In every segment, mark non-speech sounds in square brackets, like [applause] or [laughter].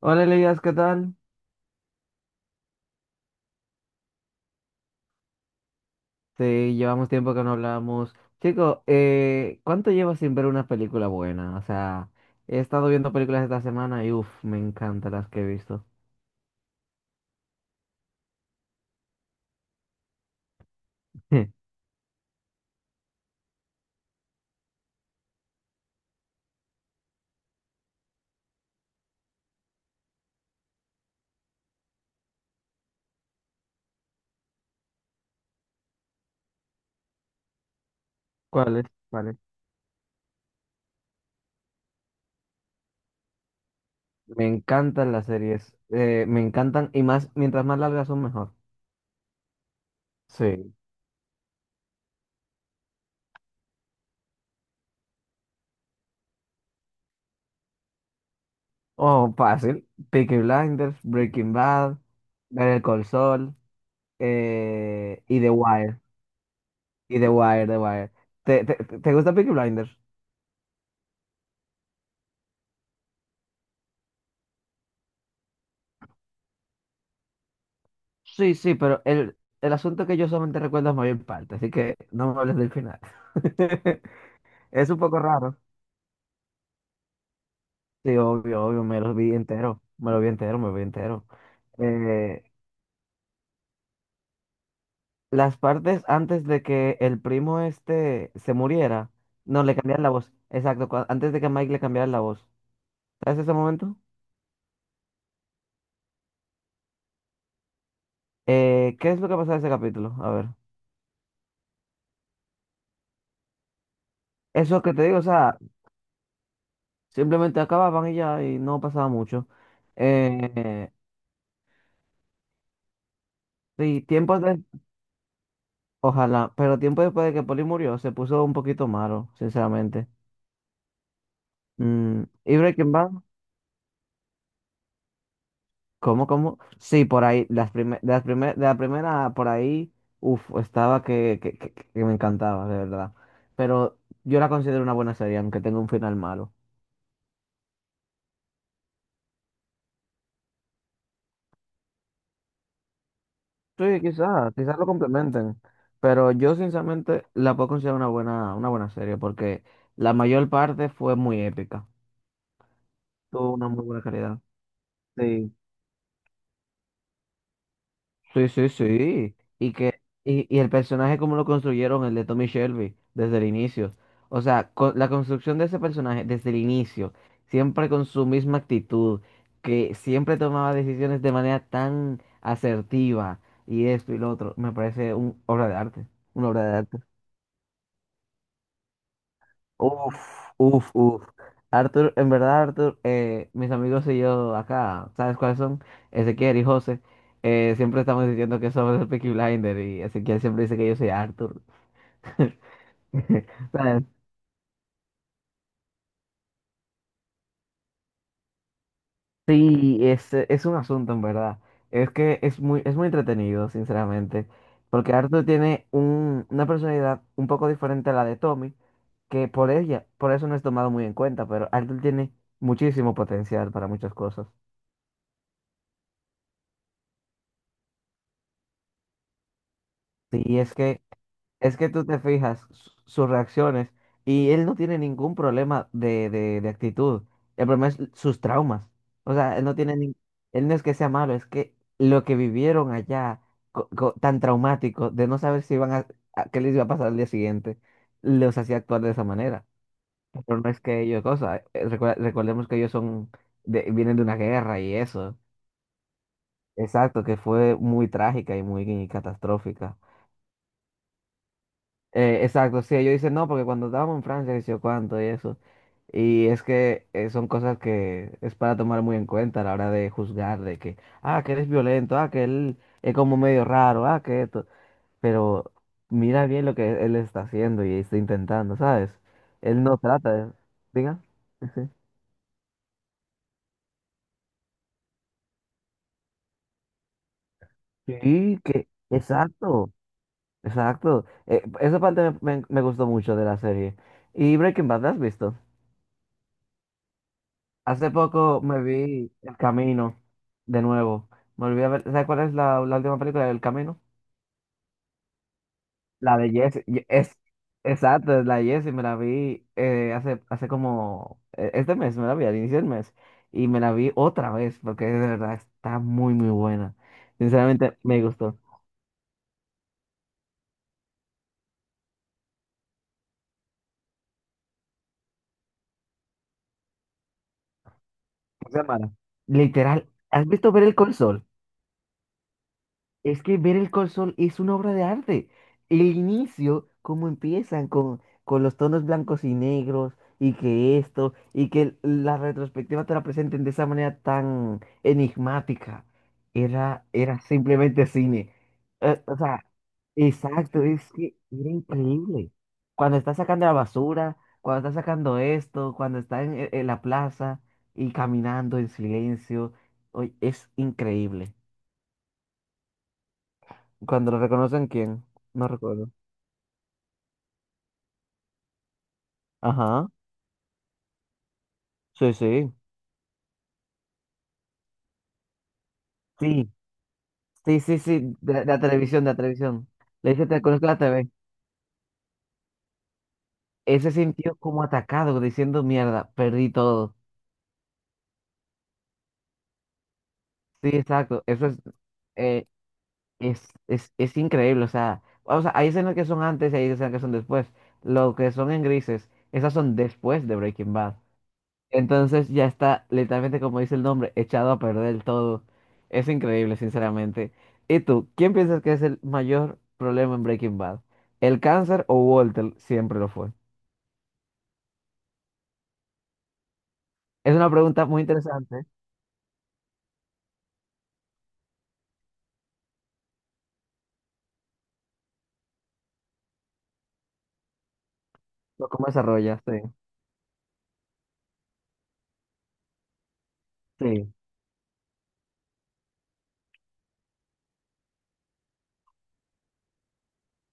Hola Elías, ¿qué tal? Sí, llevamos tiempo que no hablamos. Chico, ¿cuánto llevas sin ver una película buena? O sea, he estado viendo películas esta semana y uff, me encantan las que he visto. [laughs] ¿Cuáles? ¿Cuáles? Me encantan las series, me encantan y más, mientras más largas son mejor. Sí. Oh, fácil. Peaky Blinders, Breaking Bad, Better Call Saul y The Wire. Y The Wire, The Wire. ¿Te gusta Peaky Blinders? Sí, sí, pero el asunto es que yo solamente recuerdo es mayor parte, así que no me hables del final. [laughs] Es un poco raro. Sí, obvio, obvio, me lo vi entero, me lo vi entero, me lo vi entero. Eh, las partes antes de que el primo este se muriera, no, le cambiaron la voz, exacto, antes de que Mike le cambiara la voz. ¿Sabes ese momento? ¿Qué es lo que pasa en ese capítulo? A ver. Eso que te digo, o sea, simplemente acababan y ya, y no pasaba mucho. Eh, sí, tiempos. Ojalá, pero tiempo después de que Poli murió, se puso un poquito malo, sinceramente. Mm, ¿y Breaking Bad? ¿Cómo, cómo? Sí, por ahí, las prime- de las primer- de la primera, por ahí, uff, estaba que me encantaba, de verdad. Pero yo la considero una buena serie, aunque tenga un final malo. Sí, quizás, quizás lo complementen, pero yo sinceramente la puedo considerar una buena serie, porque la mayor parte fue muy épica, tuvo una muy buena calidad. Sí. Sí, sí, sí. Y el personaje como lo construyeron, el de Tommy Shelby, desde el inicio. O sea, la construcción de ese personaje desde el inicio, siempre con su misma actitud, que siempre tomaba decisiones de manera tan asertiva, y esto y lo otro, me parece una obra de arte. Una obra de arte. Uf, uf, uf. Arthur, en verdad, Arthur, mis amigos y yo acá, ¿sabes cuáles son? Ezequiel y José. Siempre estamos diciendo que somos el Peaky Blinder y Ezequiel siempre dice que yo soy Arthur. [laughs] ¿Sabes? Sí, es un asunto, en verdad. Es que es muy entretenido, sinceramente. Porque Arthur tiene una personalidad un poco diferente a la de Tommy, que por ella, por eso no es tomado muy en cuenta, pero Arthur tiene muchísimo potencial para muchas cosas. Sí, es que. Es que tú te fijas sus reacciones y él no tiene ningún problema de actitud. El problema es sus traumas. O sea, él no es que sea malo, es que lo que vivieron allá tan traumático de no saber si iban a, qué les iba a pasar al día siguiente, los hacía actuar de esa manera. Pero no es que ellos, cosa, recordemos que ellos son vienen de una guerra y eso. Exacto, que fue muy trágica y muy catastrófica. Exacto, sí, ellos dicen no, porque cuando estábamos en Francia, que sé yo cuánto y eso. Y es que son cosas que es para tomar muy en cuenta a la hora de juzgar, de que, ah, que eres violento, ah, que él es como medio raro, ah, que esto. Pero mira bien lo que él está haciendo y está intentando, ¿sabes? Él no trata de... Diga. Sí, sí, que... Exacto, exacto. Esa parte me gustó mucho de la serie. ¿Y Breaking Bad, la has visto? Hace poco me vi El Camino de nuevo. Me olvidé ver, ¿sabes cuál es la última película del Camino? La de Jesse. Es, exacto, es la de Jesse. Me la vi hace como este mes, me la vi al inicio del mes. Y me la vi otra vez porque de verdad está muy, muy buena. Sinceramente, me gustó. Semana. Literal, ¿has visto Ver el Sol? Es que ver el col es una obra de arte. El inicio, cómo empiezan con los tonos blancos y negros, y que esto, y que la retrospectiva te la presenten de esa manera tan enigmática. Era, era simplemente cine. O sea, exacto, es que era increíble. Cuando está sacando la basura, cuando está sacando esto, cuando está en, e, en la plaza y caminando en silencio, oye, es increíble. Cuando lo reconocen, ¿quién? No recuerdo. Ajá. Sí, sí. Sí, sí, sí, sí. De la televisión, de la televisión. Le dice, te reconozco la TV. Él se sintió como atacado, diciendo, mierda, perdí todo. Sí, exacto. Eso es, eh, es increíble. O sea, hay escenas que son antes y hay escenas que son después. Lo que son en grises, esas son después de Breaking Bad. Entonces ya está, literalmente como dice el nombre, echado a perder todo. Es increíble, sinceramente. ¿Y tú, quién piensas que es el mayor problema en Breaking Bad? ¿El cáncer o Walter? Siempre lo fue. Es una pregunta muy interesante. Lo ¿Cómo desarrollas? Sí. Sí.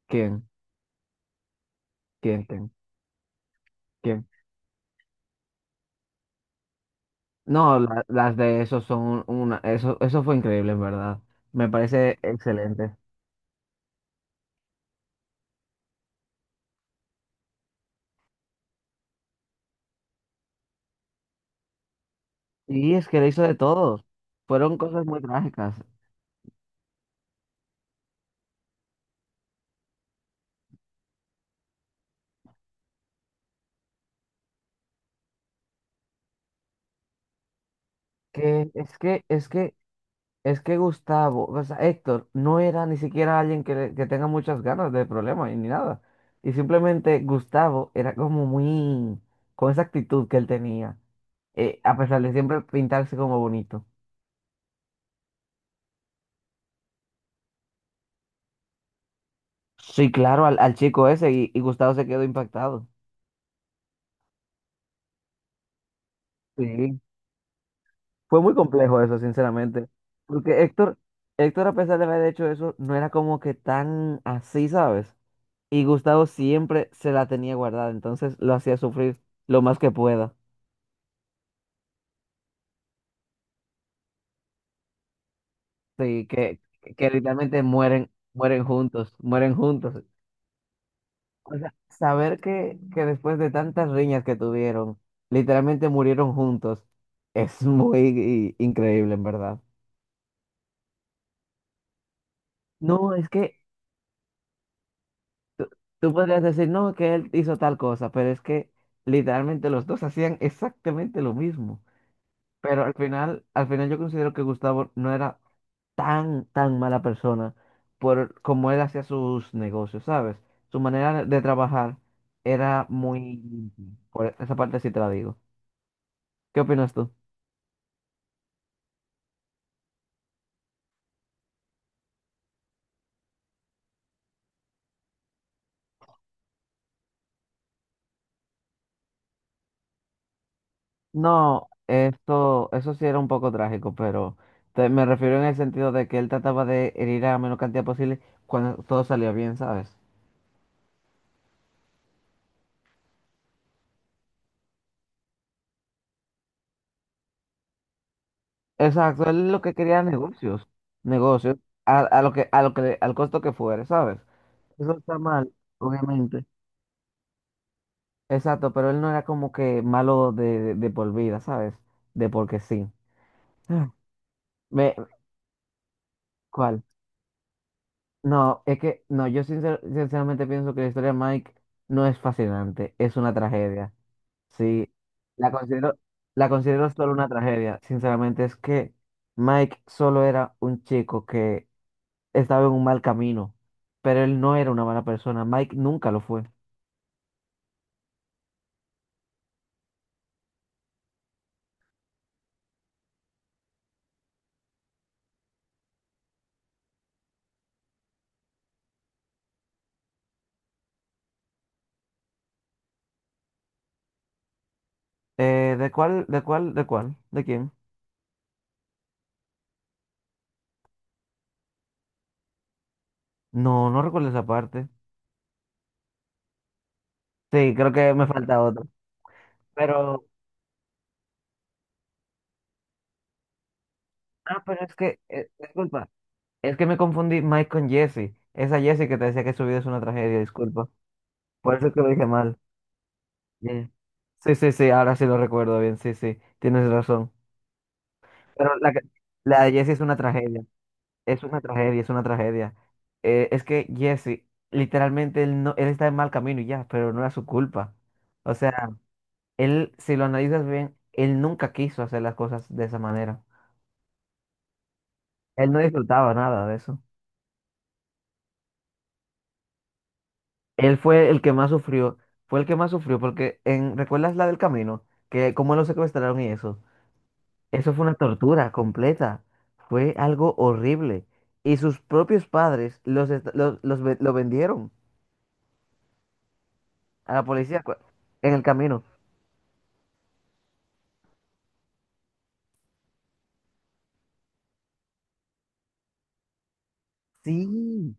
¿Quién? ¿Quién? ¿Quién? ¿Quién? No, las de esos son una... Eso fue increíble, en verdad. Me parece excelente. Y es que le hizo de todos. Fueron cosas muy trágicas. Que es que, es que Es que Gustavo, o sea, Héctor, no era ni siquiera alguien que, que tenga muchas ganas de problemas y ni nada. Y simplemente Gustavo era como muy, con esa actitud que él tenía, a pesar de siempre pintarse como bonito. Sí, claro, al chico ese y Gustavo se quedó impactado. Sí, fue muy complejo eso, sinceramente. Porque Héctor, Héctor, a pesar de haber hecho eso, no era como que tan así, ¿sabes? Y Gustavo siempre se la tenía guardada, entonces lo hacía sufrir lo más que pueda. Sí, que literalmente mueren, mueren juntos, mueren juntos. O sea, saber que después de tantas riñas que tuvieron, literalmente murieron juntos, es muy increíble, en verdad. No, es que tú, tú podrías decir, no, que él hizo tal cosa, pero es que literalmente los dos hacían exactamente lo mismo. Pero al final yo considero que Gustavo no era tan, tan mala persona por cómo él hacía sus negocios, ¿sabes? Su manera de trabajar era muy... limpia. Por esa parte sí te la digo. ¿Qué opinas tú? No, esto, eso sí era un poco trágico, pero me refiero en el sentido de que él trataba de herir a menor cantidad posible cuando todo salía bien, ¿sabes? Exacto, él lo que quería era negocios, negocios, a lo que, al costo que fuere, ¿sabes? Eso está mal, obviamente. Exacto, pero él no era como que malo de por vida, ¿sabes? De porque sí. Ah, Me, ¿cuál? No, es que, no, yo sinceramente pienso que la historia de Mike no es fascinante, es una tragedia. Sí, la considero, la considero solo una tragedia. Sinceramente, es que Mike solo era un chico que estaba en un mal camino, pero él no era una mala persona. Mike nunca lo fue. ¿De cuál, de cuál, de cuál? ¿De quién? No, no recuerdo esa parte. Sí, creo que me falta otra. Pero, pero es que, disculpa, es que me confundí Mike con Jesse. Esa Jesse que te decía que su vida es una tragedia, disculpa. Por eso es que lo dije mal. Eh, Sí, sí, sí, ahora sí lo recuerdo bien, sí, sí, tienes razón. Pero la, que- la de Jesse es una tragedia, es una tragedia, es una tragedia. Es que Jesse, literalmente, no, él está en mal camino y ya, pero no era su culpa. O sea, él, si lo analizas bien, él nunca quiso hacer las cosas de esa manera. Él no disfrutaba nada de eso. Él fue el que más sufrió, fue el que más sufrió porque en, ¿recuerdas la del camino? Que cómo lo secuestraron y eso. Eso fue una tortura completa. Fue algo horrible. Y sus propios padres los, est- los ve- lo vendieron a la policía en el camino. Sí,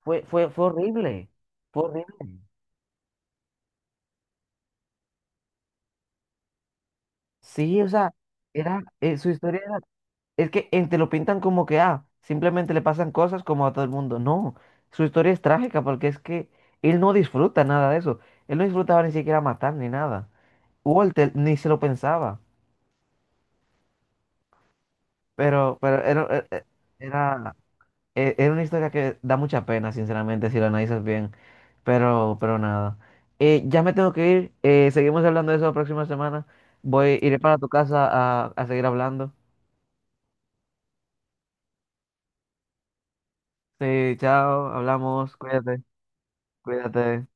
fue horrible. Fue horrible. Sí, o sea, era, su historia. Es que te lo pintan como que, ah, simplemente le pasan cosas como a todo el mundo. No, su historia es trágica porque es que él no disfruta nada de eso. Él no disfrutaba ni siquiera matar ni nada. Walter ni se lo pensaba. Pero, pero era, era, era- era una historia que da mucha pena, sinceramente, si la analizas bien. Pero nada. Ya me tengo que ir. Seguimos hablando de eso la próxima semana. Voy, iré para tu casa a seguir hablando. Sí, chao, hablamos, cuídate, cuídate.